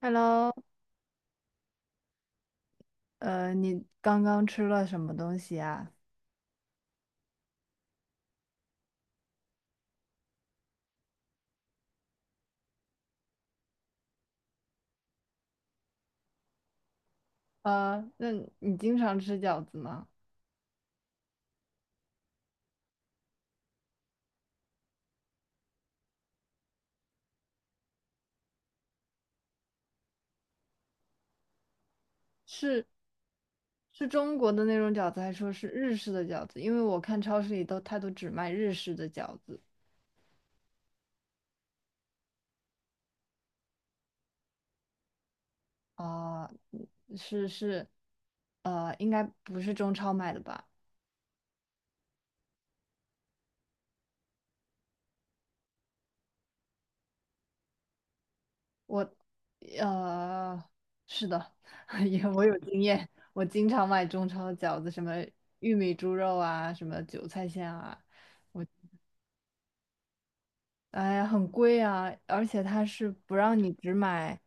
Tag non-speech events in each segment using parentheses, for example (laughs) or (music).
Hello，你刚刚吃了什么东西啊？那你经常吃饺子吗？是是中国的那种饺子，还说是日式的饺子？因为我看超市里都，它都只卖日式的饺子啊，嗯是是，应该不是中超买的吧？我，呃，是的，(laughs) 也我有经验，我经常买中超的饺子，什么玉米猪肉啊，什么韭菜馅啊。哎呀，很贵啊，而且它是不让你只买，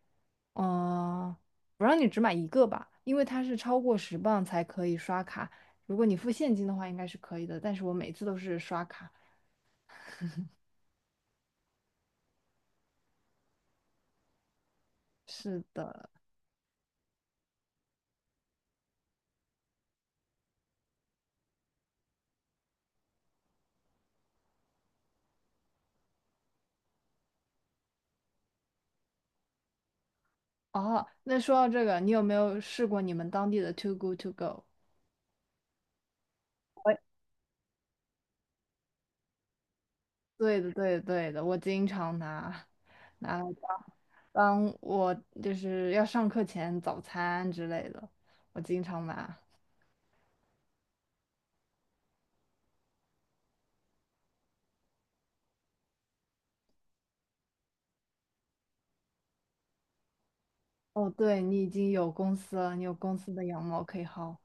嗯、不让你只买一个吧，因为它是超过10磅才可以刷卡。如果你付现金的话，应该是可以的，但是我每次都是刷卡。是的，哦，那说到这个，你有没有试过你们当地的 Too Good To Go？我对的，对的，对的，我经常拿来当我就是要上课前早餐之类的，我经常拿。哦，对，你已经有公司了，你有公司的羊毛可以薅，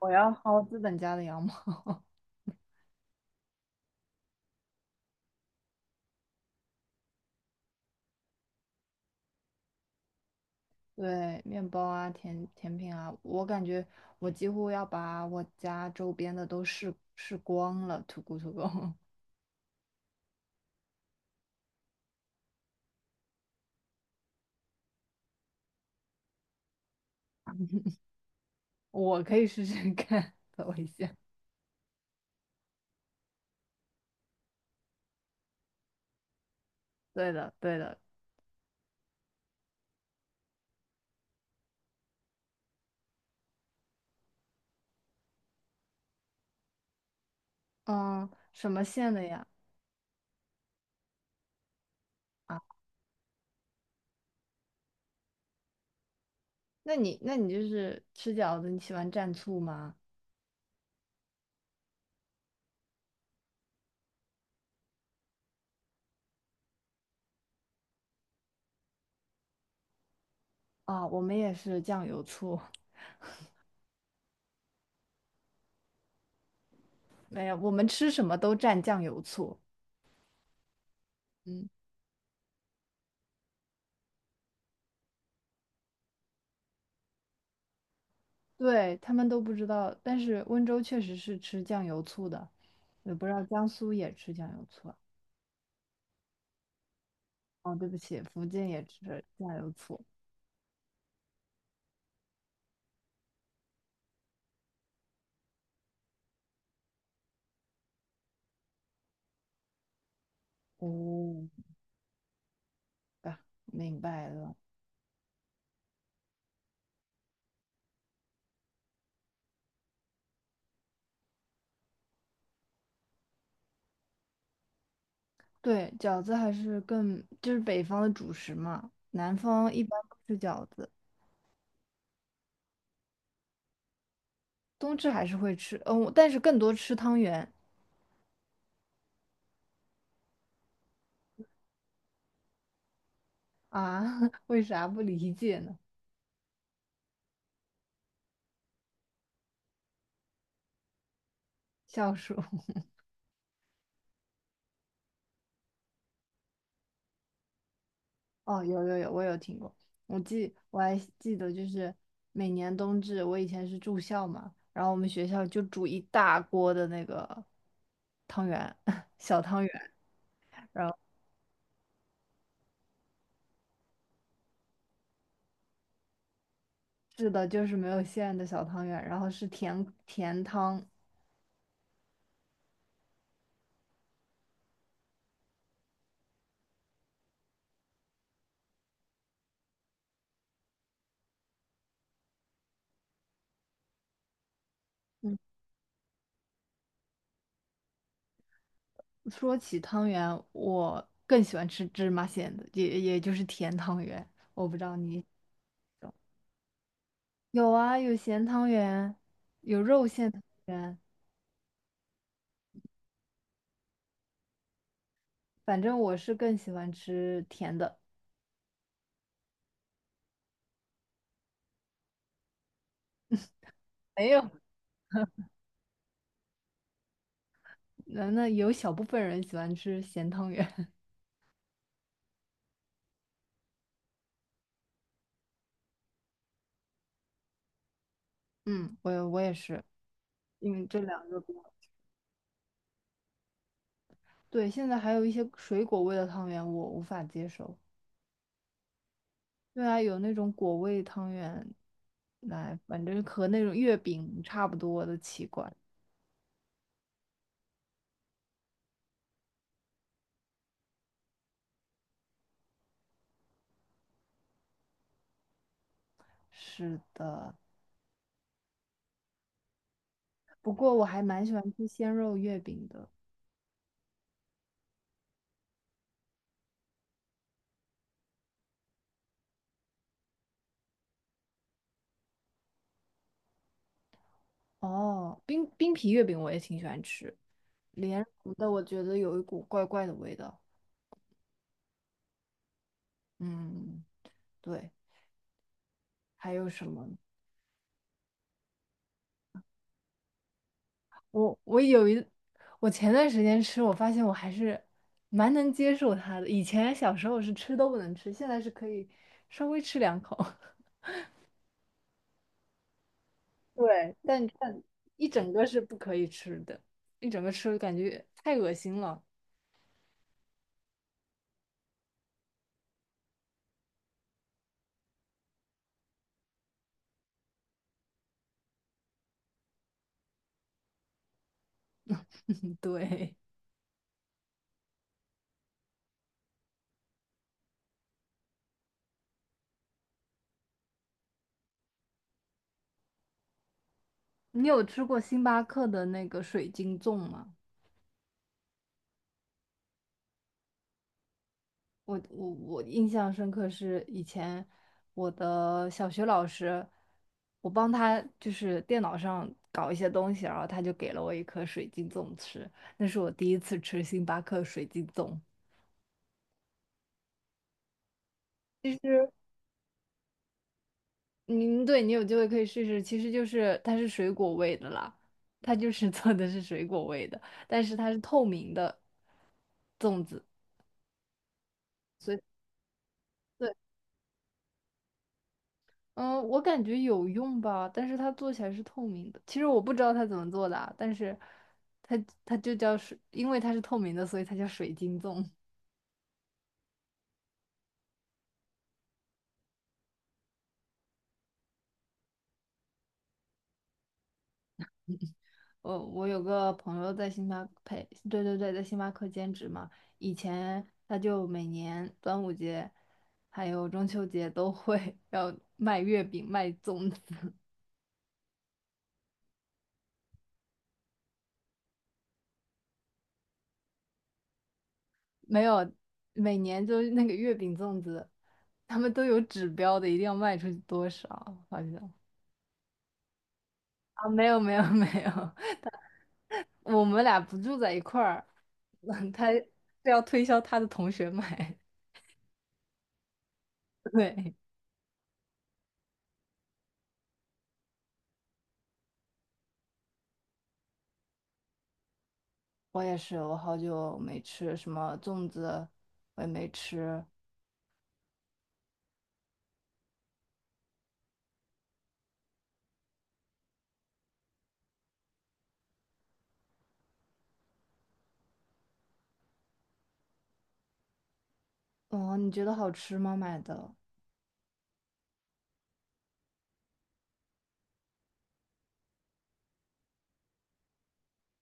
我要薅资本家的羊毛。(laughs) 对，面包啊，甜品啊，我感觉我几乎要把我家周边的都试试光了土狗土狗，(laughs) 我可以试试看，(laughs) 等我一下。对的，对的，嗯，什么馅的呀？啊，那你就是吃饺子，你喜欢蘸醋吗？啊，我们也是酱油醋，(laughs) 没有，我们吃什么都蘸酱油醋。嗯。对，他们都不知道，但是温州确实是吃酱油醋的，也不知道江苏也吃酱油醋啊。哦，对不起，福建也吃酱油醋。哦，啊，明白了。对，饺子还是更就是北方的主食嘛，南方一般不吃饺子，冬至还是会吃，但是更多吃汤圆啊，(laughs) 为啥不理解呢？笑鼠。哦，有有有，我有听过。我还记得，就是每年冬至，我以前是住校嘛，然后我们学校就煮一大锅的那个汤圆，(laughs) 小汤圆，然后是的，就是没有馅的小汤圆，然后是甜甜汤。嗯，说起汤圆，我更喜欢吃芝麻馅的，也就是甜汤圆。我不知道你有啊，有咸汤圆，有肉馅汤圆，反正我是更喜欢吃甜的。没有。那有小部分人喜欢吃咸汤圆，(laughs) 嗯，我也是，因为这两个比较。对，现在还有一些水果味的汤圆我无法接受。对啊，有那种果味汤圆，来，反正和那种月饼差不多的奇怪。是的，不过我还蛮喜欢吃鲜肉月饼的。哦，冰皮月饼我也挺喜欢吃，莲蓉的我觉得有一股怪怪的味道。嗯，对，还有什么？我我前段时间吃，我发现我还是蛮能接受它的。以前小时候是吃都不能吃，现在是可以稍微吃两口，(laughs) 对，但一整个是不可以吃的，一整个吃感觉太恶心了。(laughs) 对，你有吃过星巴克的那个水晶粽吗？我我我印象深刻是以前我的小学老师，我帮他就是电脑上搞一些东西，然后他就给了我一颗水晶粽吃，那是我第一次吃星巴克水晶粽。其实，嗯，对你有机会可以试试，其实就是它是水果味的啦，它就是做的是水果味的，但是它是透明的粽子，所以。对。嗯，我感觉有用吧，但是它做起来是透明的。其实我不知道它怎么做的啊，但是它它就叫水，因为它是透明的，所以它叫水晶粽。我有个朋友在星巴克，对对对，在星巴克兼职嘛，以前他就每年端午节还有中秋节都会 (laughs) 要卖月饼、卖粽子，没有，每年就是那个月饼粽子，他们都有指标的，一定要卖出去多少，好像啊，没有没有没有。我们俩不住在一块儿，(laughs) 他是要推销他的同学买。(laughs) 对，我也是，我好久没吃什么粽子，我也没吃。哦，你觉得好吃吗？买的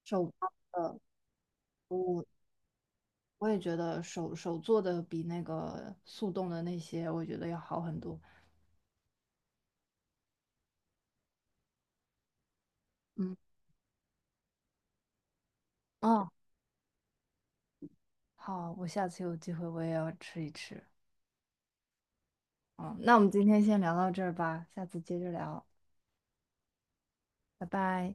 手包的，我也觉得手做的比那个速冻的那些，我觉得要好很多。嗯，哦，好，我下次有机会我也要吃一吃。嗯，那我们今天先聊到这儿吧，下次接着聊，拜拜。